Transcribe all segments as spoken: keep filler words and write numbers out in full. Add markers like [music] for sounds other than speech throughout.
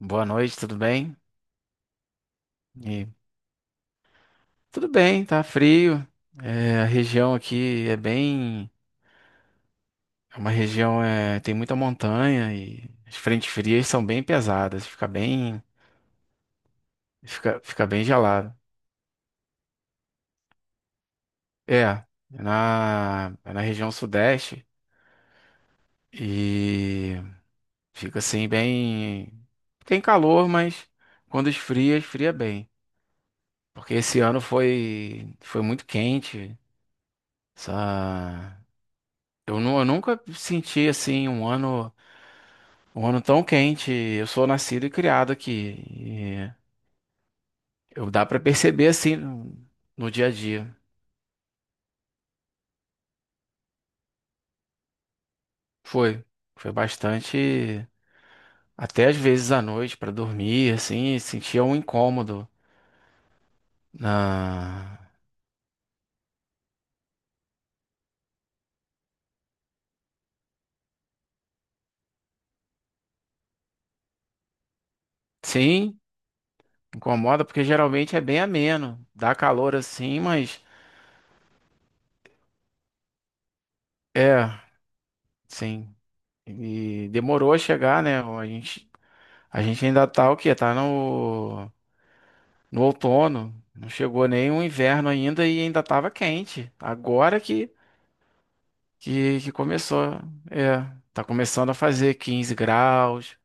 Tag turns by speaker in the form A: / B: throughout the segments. A: Boa noite, tudo bem? E tudo bem, tá frio. É, a região aqui é bem. É uma região é, tem muita montanha e as frentes frias são bem pesadas, fica bem, fica, fica bem gelado. É, é na, é na região sudeste e fica assim bem. Tem calor, mas quando esfria, esfria bem. Porque esse ano foi, foi muito quente. Essa... Eu, nu- eu nunca senti assim um ano. Um ano tão quente. Eu sou nascido e criado aqui. E eu dá pra perceber assim no, no dia a dia. Foi, foi bastante. Até às vezes à noite pra dormir, assim, sentia um incômodo. Na... Sim, incomoda porque geralmente é bem ameno, dá calor assim, mas é, sim. E demorou a chegar, né? A gente, a gente ainda tá o quê? Tá no no outono. Não chegou nem o inverno ainda e ainda estava quente. Agora que, que, que começou. É, tá começando a fazer quinze graus.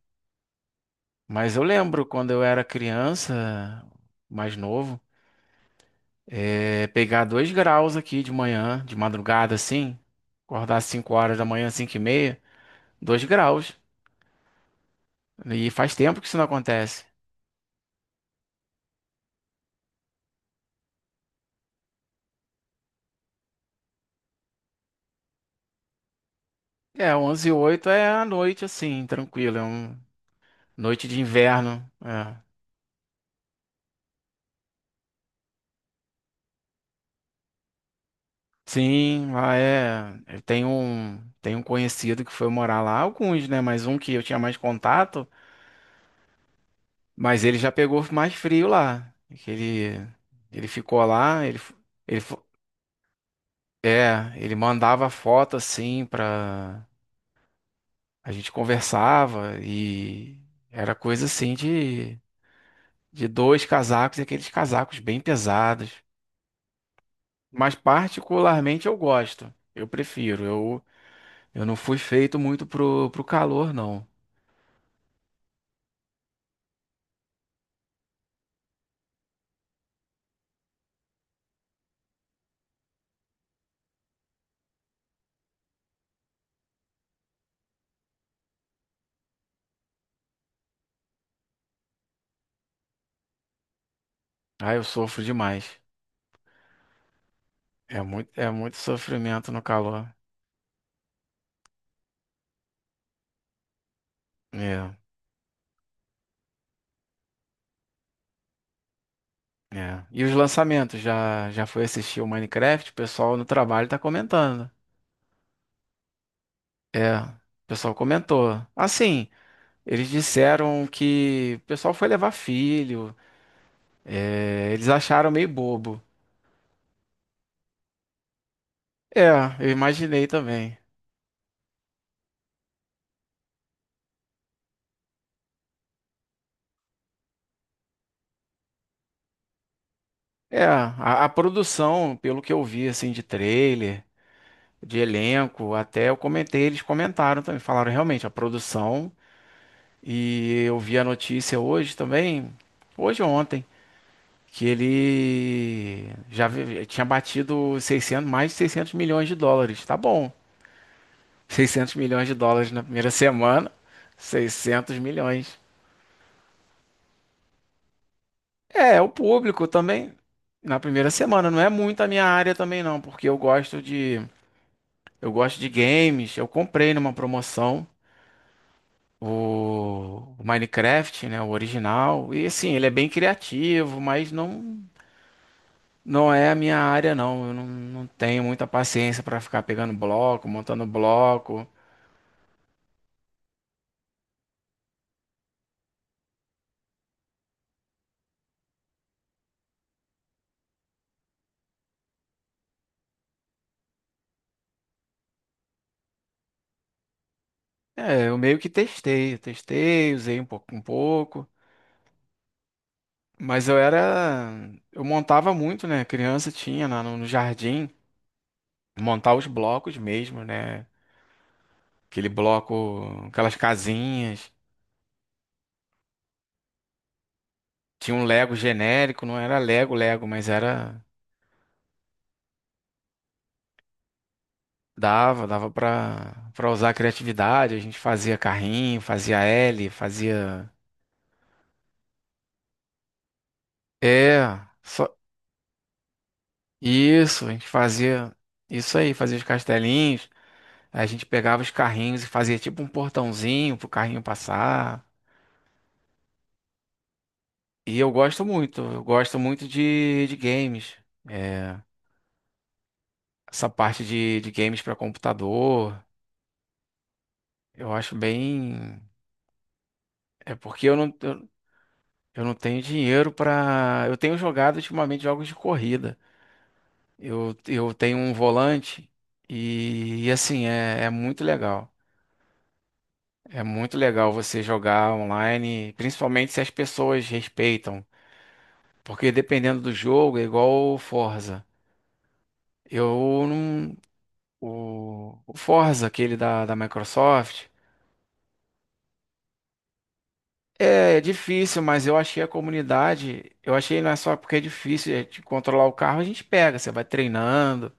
A: Mas eu lembro quando eu era criança, mais novo, é, pegar dois graus aqui de manhã, de madrugada assim, acordar às cinco horas da manhã, cinco e meia, dois graus. E faz tempo que isso não acontece. É, onze e oito é a noite assim, tranquila, é uma noite de inverno. É. Sim, lá é. Eu tenho um, tenho um conhecido que foi morar lá, alguns, né? Mas um que eu tinha mais contato, mas ele já pegou mais frio lá. Que Ele, ele ficou lá, ele, f- ele, fo- é, ele mandava foto assim pra. A gente conversava e era coisa assim de, de dois casacos e aqueles casacos bem pesados. Mas particularmente eu gosto, eu prefiro. Eu, eu não fui feito muito pro, pro calor, não. Ah, eu sofro demais. É muito, é muito sofrimento no calor. É, é. E os lançamentos? Já, já foi assistir o Minecraft? O pessoal no trabalho tá comentando. É, o pessoal comentou. Assim, eles disseram que o pessoal foi levar filho. é, eles acharam meio bobo. É, eu imaginei também. É, a, a produção, pelo que eu vi, assim, de trailer, de elenco, até eu comentei, eles comentaram também. Falaram realmente, a produção. E eu vi a notícia hoje também, hoje ou ontem, que ele já vi- tinha batido seiscentos, mais de seiscentos milhões de dólares. Tá bom. seiscentos milhões de dólares na primeira semana, seiscentos milhões. É, o público também na primeira semana, não é muito a minha área também não, porque eu gosto de eu gosto de games, eu comprei numa promoção o o Minecraft, né, o original, e assim, ele é bem criativo, mas não. Não é a minha área, não. Eu não, não tenho muita paciência para ficar pegando bloco, montando bloco. É, eu meio que testei, eu testei, usei um pouco, um pouco. Mas eu era, eu montava muito, né? Criança tinha na- no, no jardim, montar os blocos mesmo, né? Aquele bloco, aquelas casinhas. Tinha um Lego genérico, não era Lego, Lego, mas era dava, dava para para usar a criatividade. A gente fazia carrinho, fazia L, fazia é, só, isso, a gente fazia isso aí, fazia os castelinhos, a gente pegava os carrinhos e fazia tipo um portãozinho pro carrinho passar. E eu gosto muito, eu gosto muito de, de games. É, essa parte de, de games para computador, eu acho bem. É porque eu não, eu, eu não tenho dinheiro pra. Eu tenho jogado ultimamente jogos de corrida. Eu, eu tenho um volante e, e assim, é, é muito legal. É muito legal você jogar online, principalmente se as pessoas respeitam, porque dependendo do jogo, é igual o Forza. Eu não. O, o Forza, aquele da, da Microsoft, é difícil, mas eu achei a comunidade. Eu achei não é só porque é difícil é, de controlar o carro, a gente pega, você vai treinando.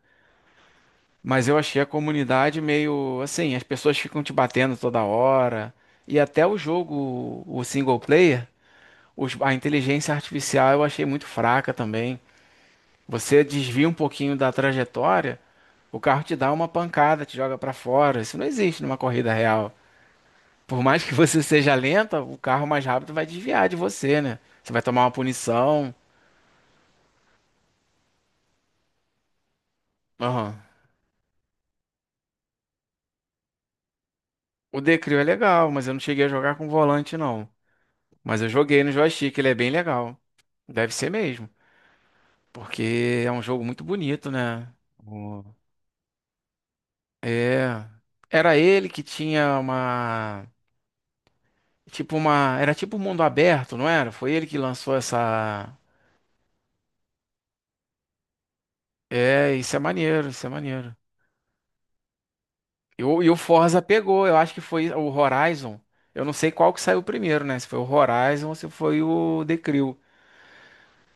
A: Mas eu achei a comunidade meio assim, as pessoas ficam te batendo toda hora. E até o jogo, o single player. Os- a inteligência artificial eu achei muito fraca também. Você desvia um pouquinho da trajetória, o carro te dá uma pancada, te joga para fora. Isso não existe numa corrida real. Por mais que você [laughs] seja lenta, o carro mais rápido vai desviar de você, né? Você vai tomar uma punição. Aham. O Decrew é legal, mas eu não cheguei a jogar com volante, não. Mas eu joguei no joystick, ele é bem legal. Deve ser mesmo, porque é um jogo muito bonito, né? O- É. Era ele que tinha uma. Tipo uma. Era tipo um mundo aberto, não era? Foi ele que lançou essa. É, isso é maneiro, isso é maneiro. E o, e o Forza pegou, eu acho que foi o Horizon. Eu não sei qual que saiu primeiro, né? Se foi o Horizon ou se foi o The Crew.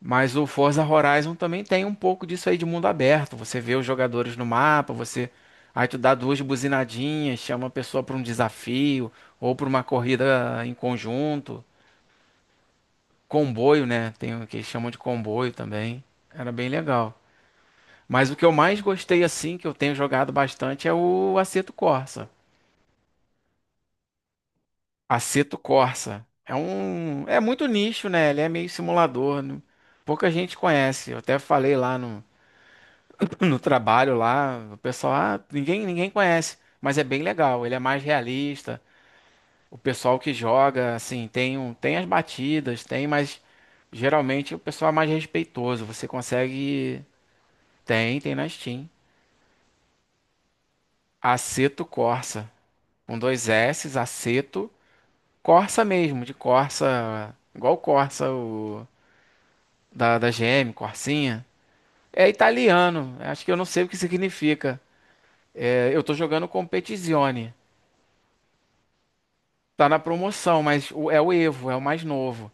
A: Mas o Forza Horizon também tem um pouco disso aí de mundo aberto. Você vê os jogadores no mapa, você. Aí tu dá duas buzinadinhas, chama a pessoa para um desafio ou para uma corrida em conjunto. Comboio, né? Tem o que eles chamam de comboio também. Era bem legal. Mas o que eu mais gostei assim, que eu tenho jogado bastante, é o Assetto Corsa. Assetto Corsa é um, é muito nicho, né? Ele é meio simulador, né? Pouca gente conhece. Eu até falei lá no, [coughs] [clears throat] no trabalho lá, o pessoal, ah, ninguém ninguém conhece, mas é bem legal. Ele é mais realista. O pessoal que joga, assim, tem um, tem as batidas, tem, mas geralmente o pessoal é mais respeitoso. Você consegue, tem, tem na Steam. Assetto Corsa, com dois S, Assetto Corsa mesmo, de Corsa, igual o Corsa o, da, da G M, Corsinha. É italiano, acho que eu não sei o que significa. É, eu tô jogando Competizione. Tá na promoção, mas o- é o Evo, é o mais novo.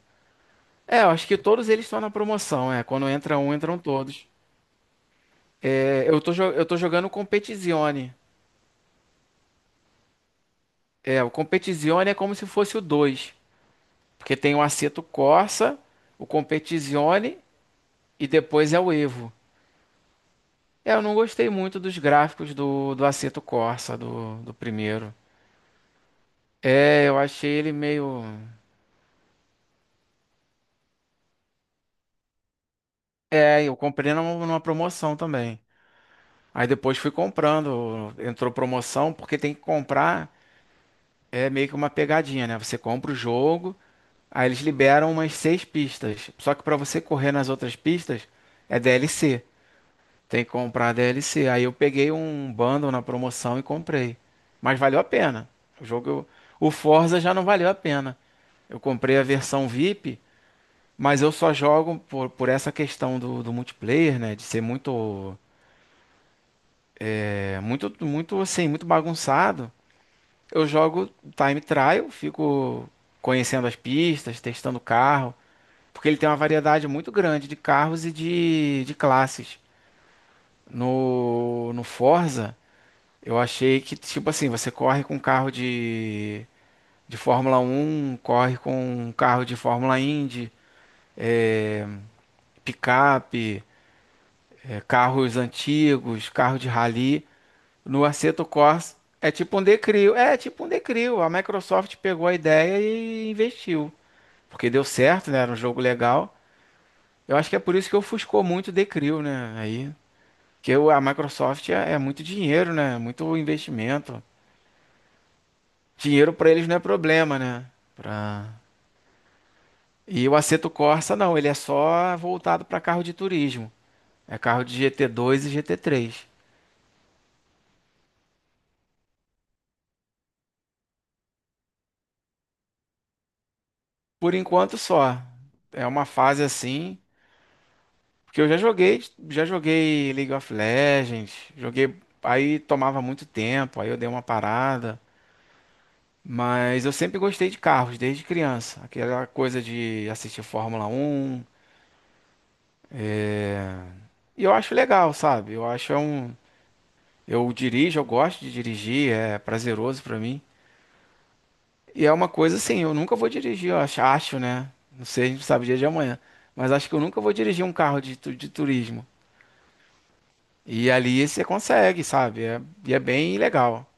A: É, eu acho que todos eles estão na promoção, é. Quando entra um, entram todos. É, eu tô, jo- eu tô jogando Competizione. É, o Competizione é como se fosse o dois, porque tem o Assetto Corsa, o Competizione e depois é o Evo. É, eu não gostei muito dos gráficos do, do Assetto Corsa, do, do primeiro. É, eu achei ele meio. É, eu comprei numa, numa promoção também. Aí depois fui comprando, entrou promoção, porque tem que comprar, é meio que uma pegadinha, né? Você compra o jogo, aí eles liberam umas seis pistas. Só que pra você correr nas outras pistas, é D L C. Tem que comprar D L C. Aí eu peguei um bundle na promoção e comprei. Mas valeu a pena. O jogo, o Forza já não valeu a pena. Eu comprei a versão V I P, mas eu só jogo por, por essa questão do, do multiplayer, né? De ser muito, é, muito, muito assim, muito bagunçado. Eu jogo time trial, fico conhecendo as pistas, testando o carro, porque ele tem uma variedade muito grande de carros e de, de classes. No, no Forza, eu achei que, tipo assim, você corre com carro de, de Fórmula Um, corre com um carro de Fórmula Indy, picape. é, carros antigos, carro de rally. No Assetto Corsa é tipo um Decrio. É tipo um Decrio. A Microsoft pegou a ideia e investiu. Porque deu certo, né? Era um jogo legal. Eu acho que é por isso que ofuscou muito o Decrio, né? Aí, que o- a Microsoft é, é muito dinheiro, né? Muito investimento. Dinheiro para eles não é problema, né? Pra... E o Assetto Corsa não, ele é só voltado para carro de turismo. É carro de G T dois e G T três. Por enquanto só. É uma fase assim. Porque eu já joguei, já joguei League of Legends, joguei, aí tomava muito tempo, aí eu dei uma parada, mas eu sempre gostei de carros desde criança, aquela coisa de assistir Fórmula um, e eu acho legal, sabe? Eu acho é um, eu dirijo, eu gosto de dirigir, é prazeroso pra mim. E é uma coisa assim, eu nunca vou dirigir, eu acho, acho, né? Não sei, a gente não sabe o dia de amanhã, mas acho que eu nunca vou dirigir um carro de, tu- de turismo. E ali você consegue, sabe? É- e é bem legal.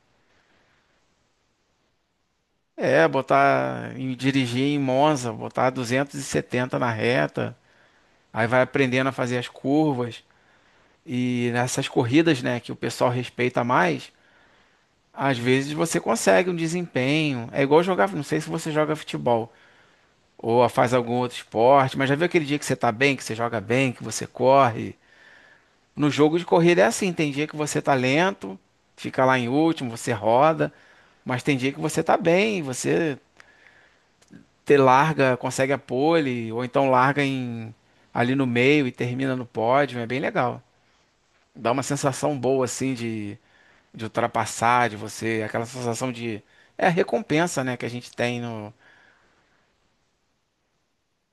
A: É, botar em dirigir em Monza, botar duzentos e setenta na reta, aí vai aprendendo a fazer as curvas e nessas corridas, né, que o pessoal respeita mais, às vezes você consegue um desempenho. É igual jogar, não sei se você joga futebol ou faz algum outro esporte, mas já viu aquele dia que você tá bem, que você joga bem, que você corre? No jogo de corrida é assim, tem dia que você tá lento, fica lá em último, você roda, mas tem dia que você tá bem, você ter larga, consegue a pole, ou então larga em, ali no meio e termina no pódio, é bem legal. Dá uma sensação boa assim de, de ultrapassar, de você, aquela sensação de é a recompensa, né, que a gente tem no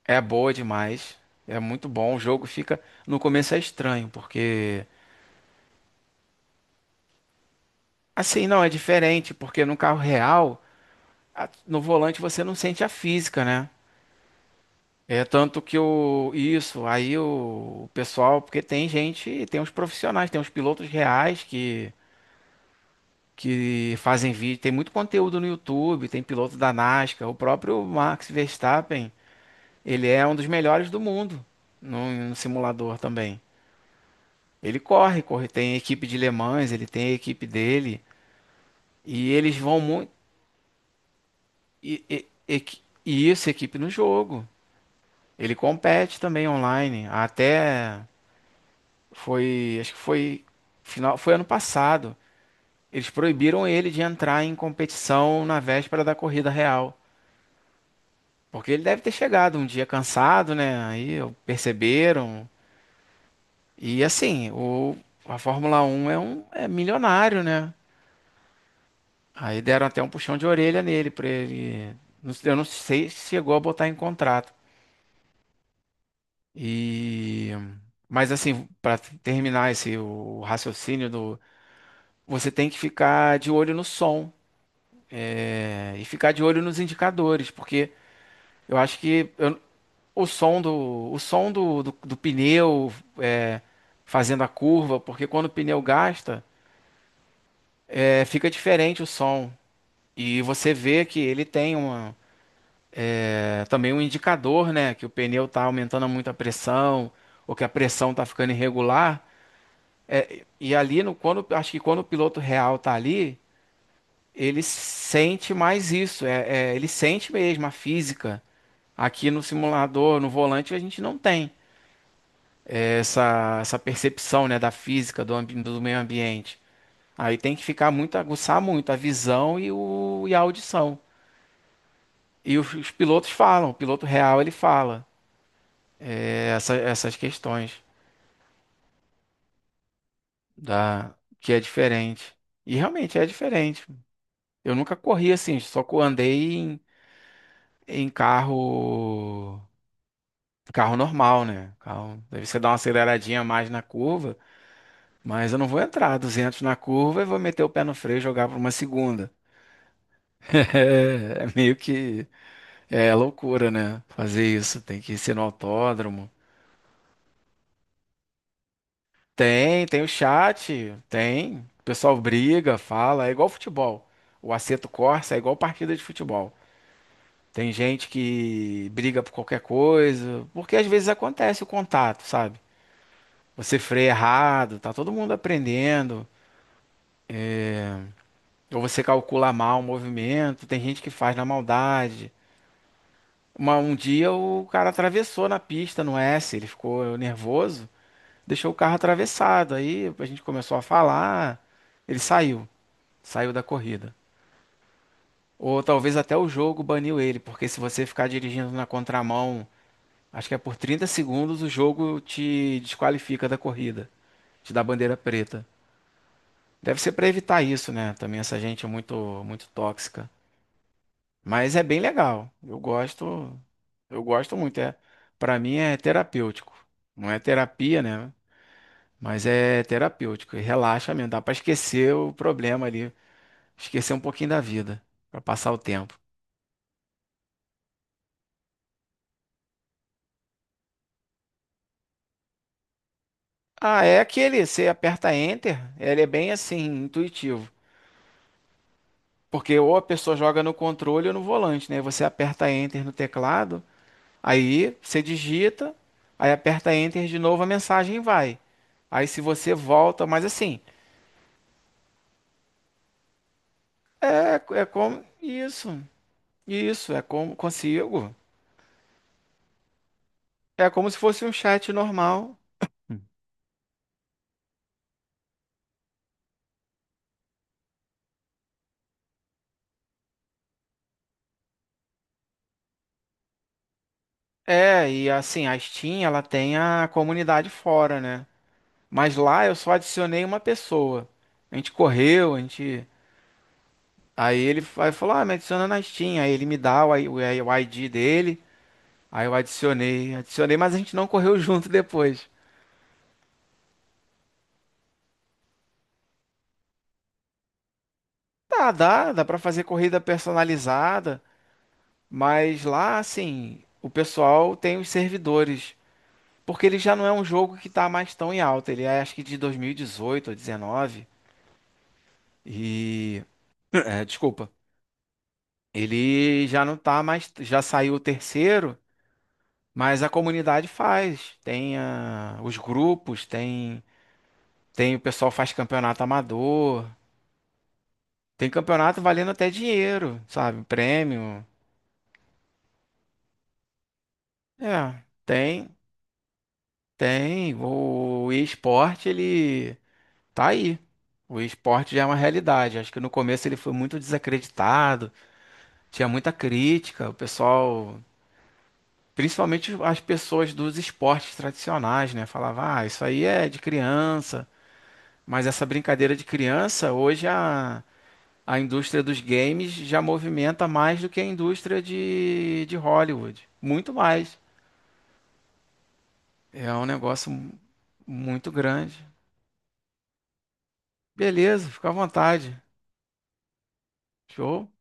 A: é boa demais. É muito bom, o jogo fica no começo é estranho, porque assim não é diferente, porque no carro real, a- no volante você não sente a física, né? É tanto que o isso, aí o, o pessoal, porque tem gente, tem uns profissionais, tem uns pilotos reais que que fazem vídeo, tem muito conteúdo no YouTube, tem piloto da NASCAR, o próprio Max Verstappen, ele é um dos melhores do mundo no, no simulador também. Ele corre, corre, tem equipe de Le Mans, ele tem a equipe dele e eles vão muito e, e, e, e isso, equipe no jogo. Ele compete também online, até foi, acho que foi final, foi ano passado. Eles proibiram ele de entrar em competição na véspera da corrida real, porque ele deve ter chegado um dia cansado, né? Aí perceberam. E assim, o a Fórmula Um é um é milionário, né? Aí deram até um puxão de orelha nele para ele, não eu não sei se chegou a botar em contrato. E mas assim, para terminar esse o raciocínio do você tem que ficar de olho no som. É, e ficar de olho nos indicadores, porque eu acho que eu- o som do, o som do, do, do pneu é, fazendo a curva, porque quando o pneu gasta, é, fica diferente o som. E você vê que ele tem uma, é, também um indicador, né? Que o pneu está aumentando muito a pressão, ou que a pressão está ficando irregular. E ali, no, quando, acho que quando o piloto real tá ali, ele sente mais isso. É, é, ele sente mesmo a física. Aqui no simulador, no volante, a gente não tem essa, essa percepção, né, da física, do, ambi- do meio ambiente. Aí tem que ficar muito, aguçar muito a visão e, o, e a audição. E os, os pilotos falam, o piloto real ele fala é, essa- essas questões da que é diferente. E realmente é diferente. Eu nunca corri assim, só co- andei em, em carro carro normal, né? Carro, deve você dar uma aceleradinha a mais na curva, mas eu não vou entrar duzentos na curva e vou meter o pé no freio e jogar para uma segunda. É, é meio que é loucura, né? Fazer isso, tem que ser no autódromo. Tem, tem o chat, tem. O pessoal briga, fala, é igual futebol. O Assetto Corsa é igual partida de futebol. Tem gente que briga por qualquer coisa, porque às vezes acontece o contato, sabe? Você freia errado, tá todo mundo aprendendo, ou você calcula mal o movimento, tem gente que faz na maldade. Uma- um dia o cara atravessou na pista no S, ele ficou nervoso, deixou o carro atravessado. Aí a gente começou a falar, ele saiu, saiu da corrida. Ou talvez até o jogo baniu ele, porque se você ficar dirigindo na contramão, acho que é por trinta segundos, o jogo te desqualifica da corrida, te dá bandeira preta. Deve ser para evitar isso, né? Também essa gente é muito, muito tóxica. Mas é bem legal. Eu gosto, eu gosto muito. É, para mim é terapêutico. Não é terapia, né? Mas é terapêutico, e relaxa mesmo, dá pra esquecer o problema ali, esquecer um pouquinho da vida, pra passar o tempo. Ah, é aquele, você aperta Enter, ele é bem assim, intuitivo. Porque ou a pessoa joga no controle ou no volante, né? Você aperta Enter no teclado, aí você digita, aí aperta Enter de novo, a mensagem vai. Aí se você volta, mas assim, é, é como isso, isso, é como consigo. É como se fosse um chat normal. É, e assim, a Steam, ela tem a comunidade fora, né? Mas lá eu só adicionei uma pessoa. A gente correu, a gente. Aí ele fa- falou: Ah, me adiciona na Steam. Aí ele me dá o I- o I- o I D dele. Aí eu adicionei, adicionei, mas a gente não correu [laughs] junto depois. Tá, dá, dá pra fazer corrida personalizada. Mas lá, assim, o pessoal tem os servidores. Porque ele já não é um jogo que tá mais tão em alta. Ele é acho que de dois mil e dezoito ou dezenove. E. [clears throat] É, desculpa. Ele já não tá mais, já saiu o terceiro, mas a comunidade faz. Tem ah, os grupos, tem, tem o pessoal faz campeonato amador, tem campeonato valendo até dinheiro, sabe? Prêmio. É, tem, tem. O esporte ele tá aí. O esporte já é uma realidade. Acho que no começo ele foi muito desacreditado, tinha muita crítica, o pessoal. Principalmente as pessoas dos esportes tradicionais, né? Falava, ah, isso aí é de criança. Mas essa brincadeira de criança, hoje a, a indústria dos games já movimenta mais do que a indústria de, de Hollywood. Muito mais. É um negócio mu- muito grande. Beleza, fica à vontade. Show.